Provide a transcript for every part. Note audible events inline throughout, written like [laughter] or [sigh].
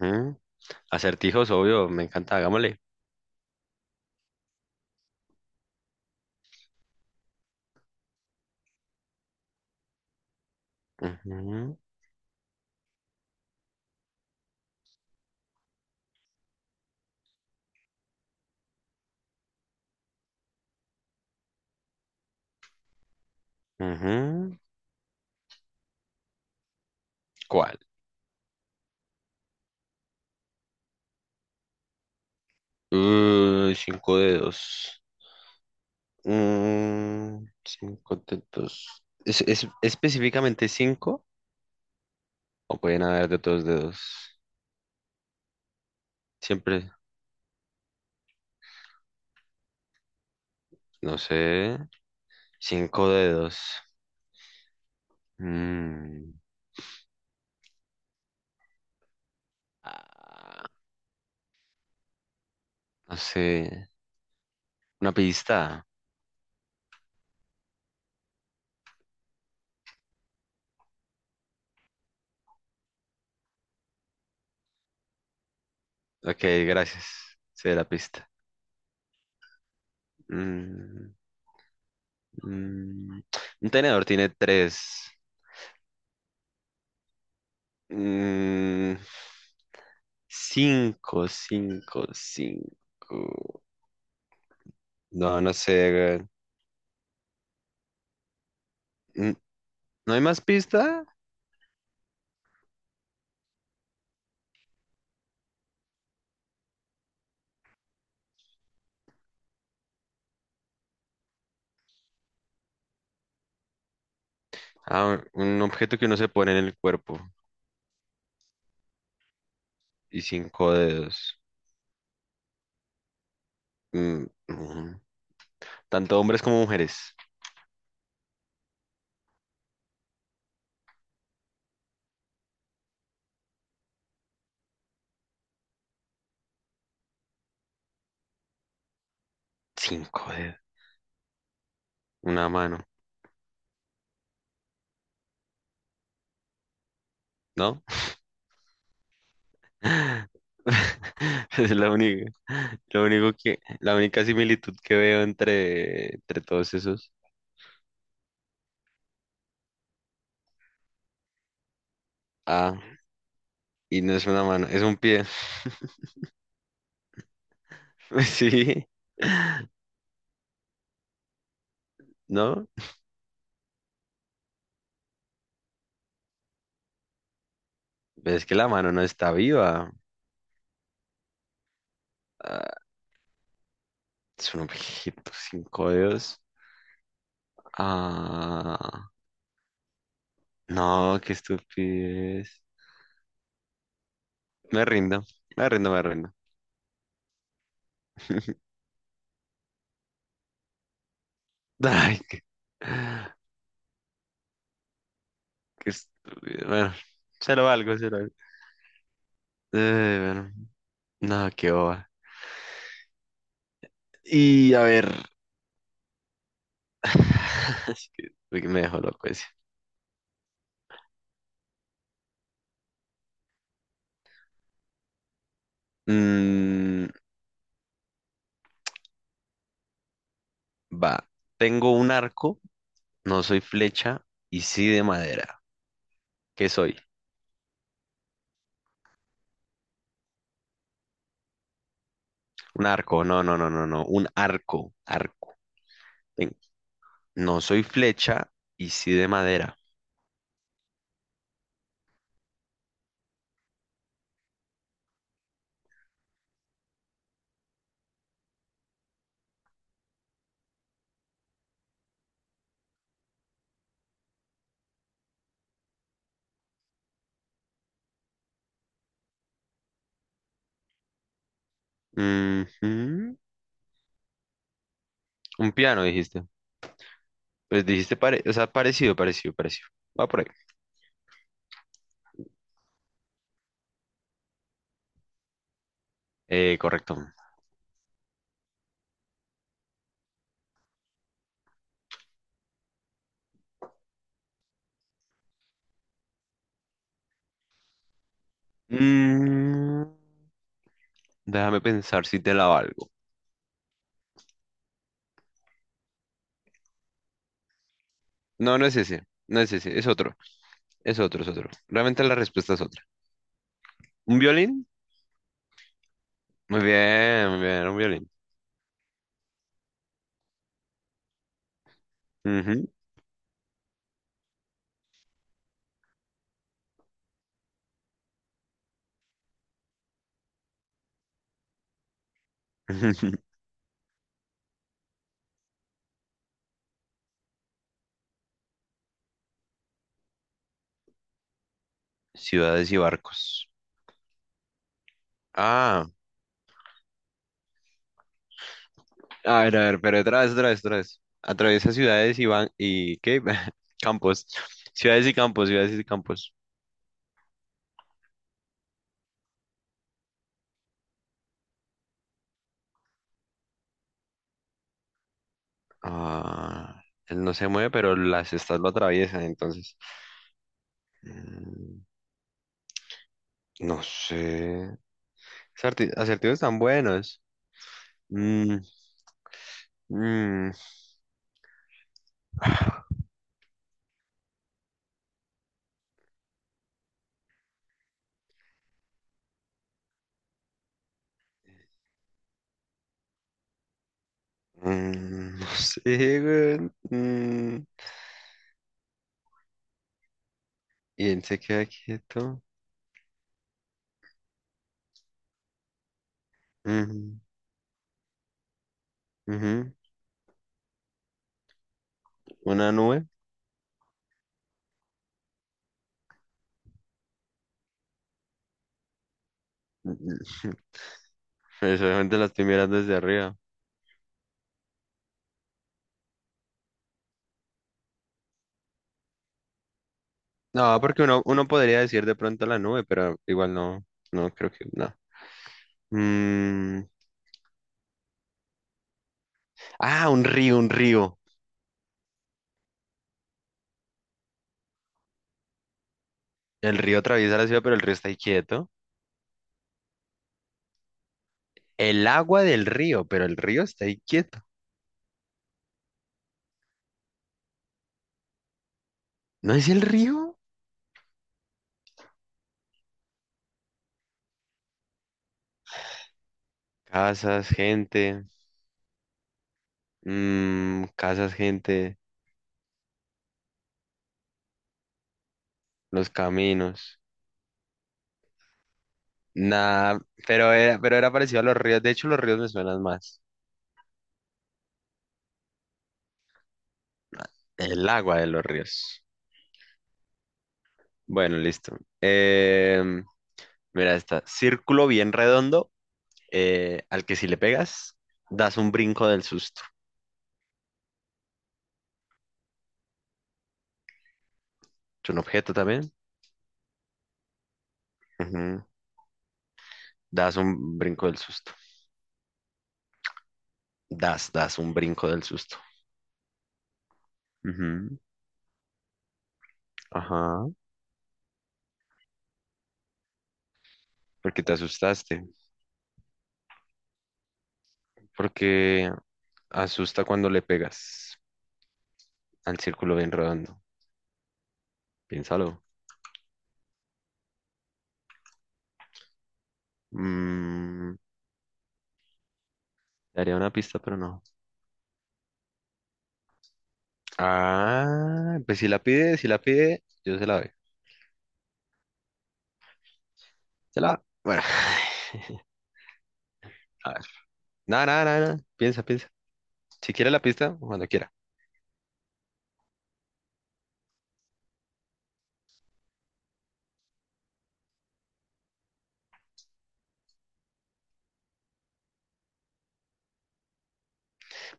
Ujú. Acertijos, obvio, me encanta, hagámosle. Ujú, ujú. ¿Cuál? Cinco dedos. Mm, cinco dedos. ¿Es específicamente cinco? ¿O pueden haber de dos dedos? Siempre, no sé. Cinco dedos. Mm, ah, no sé. Una pista. Ok, gracias. Sé la pista. Mm, mm. Un tenedor tiene tres. Mm, cinco, cinco, cinco. No, no sé, weón. Mm, ¿no hay más pista? Ah, un objeto que uno se pone en el cuerpo y cinco dedos. Mm, mm. Tanto hombres como mujeres. Cinco dedos. Una mano, ¿no? [laughs] Es la única, la única similitud que veo entre todos esos. Ah, y no es una mano, es un pie. [laughs] Sí. ¿No? Es que la mano no está viva. Ah, es un objeto sin codos. Ah, no, qué estupidez. Me rindo, me rindo, me rindo. [laughs] Ay, qué, qué estúpido. Bueno, se lo valgo, se lo valgo. Bueno, no, qué boba. Y a ver. [laughs] Es que uy, me dejó loco ese. Mm, va. Tengo un arco, no soy flecha y sí de madera. ¿Qué soy? Un arco, no, no, no, no, no. Un arco, arco. Ven, no soy flecha y sí de madera. Ujú. Un piano, dijiste. Pues dijiste, o sea, parecido, parecido, parecido. Va por ahí. Correcto. Mm, déjame pensar si te la valgo. No, no es ese. No es ese. Es otro. Es otro, es otro. Realmente la respuesta es otra. ¿Un violín? Muy bien, un violín. Ujú. [laughs] Ciudades y barcos. Ah. A ver, pero otra vez, otra vez, otra vez. Atraviesa ciudades y van y ¿qué? [laughs] Campos. Ciudades y campos, ciudades y campos. Ah, él no se mueve, pero las estas lo atraviesan, entonces. Mm, no sé. Acertijos tan buenos. Mm, mm, [sighs] mm, no sé, güey. Mm, y él se queda quieto. Ujú, ujú. Una nube. [laughs] Eso solamente la estoy mirando desde arriba. No, porque uno podría decir de pronto la nube, pero igual no, no creo que, no. Mm, ah, un río, un río. El río atraviesa la ciudad, pero el río está ahí quieto. El agua del río, pero el río está ahí quieto. ¿No es el río? Casas, gente, mm, casas, gente, los caminos. Nada. Pero era, pero era parecido a los ríos. De hecho, los ríos me suenan más. El agua de los ríos. Bueno, listo. Mira esta. Círculo bien redondo al que si le pegas, das un brinco del susto. Es un objeto también. Ujú. Das un brinco del susto. Das un brinco del susto. Ujú. Ajá. Porque te asustaste. Porque asusta cuando le pegas al círculo bien rodando. Piénsalo. Mm, daría una pista, pero no. Ah, pues si la pide, si la pide, yo se la doy. Se la. Bueno, [laughs] a ver. Nada, nada, nada, nada. Piensa, piensa. Si quiere la pista, cuando quiera.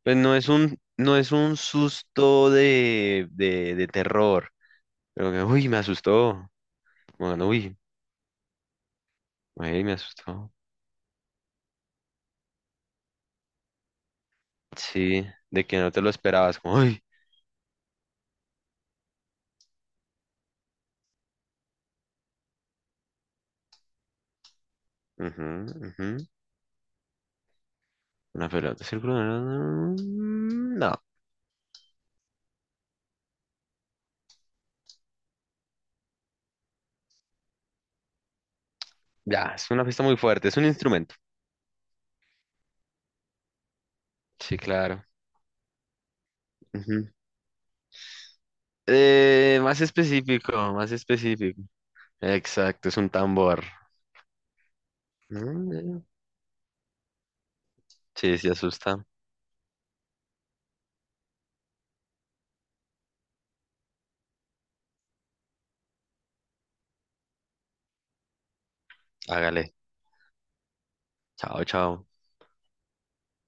Pues no es un, no es un susto de terror. Pero que, uy, me asustó. Bueno, uy, ay, me asustó. Sí, de que no te lo esperabas. Como, uy, ujú, ujú, una pelota circular. Mm, no, ya, es una fiesta muy fuerte. Es un instrumento. Sí, claro. Ujú. Más específico, más específico. Exacto, es un tambor. Mm, sí, sí, asusta. Hágale. Chao, chao.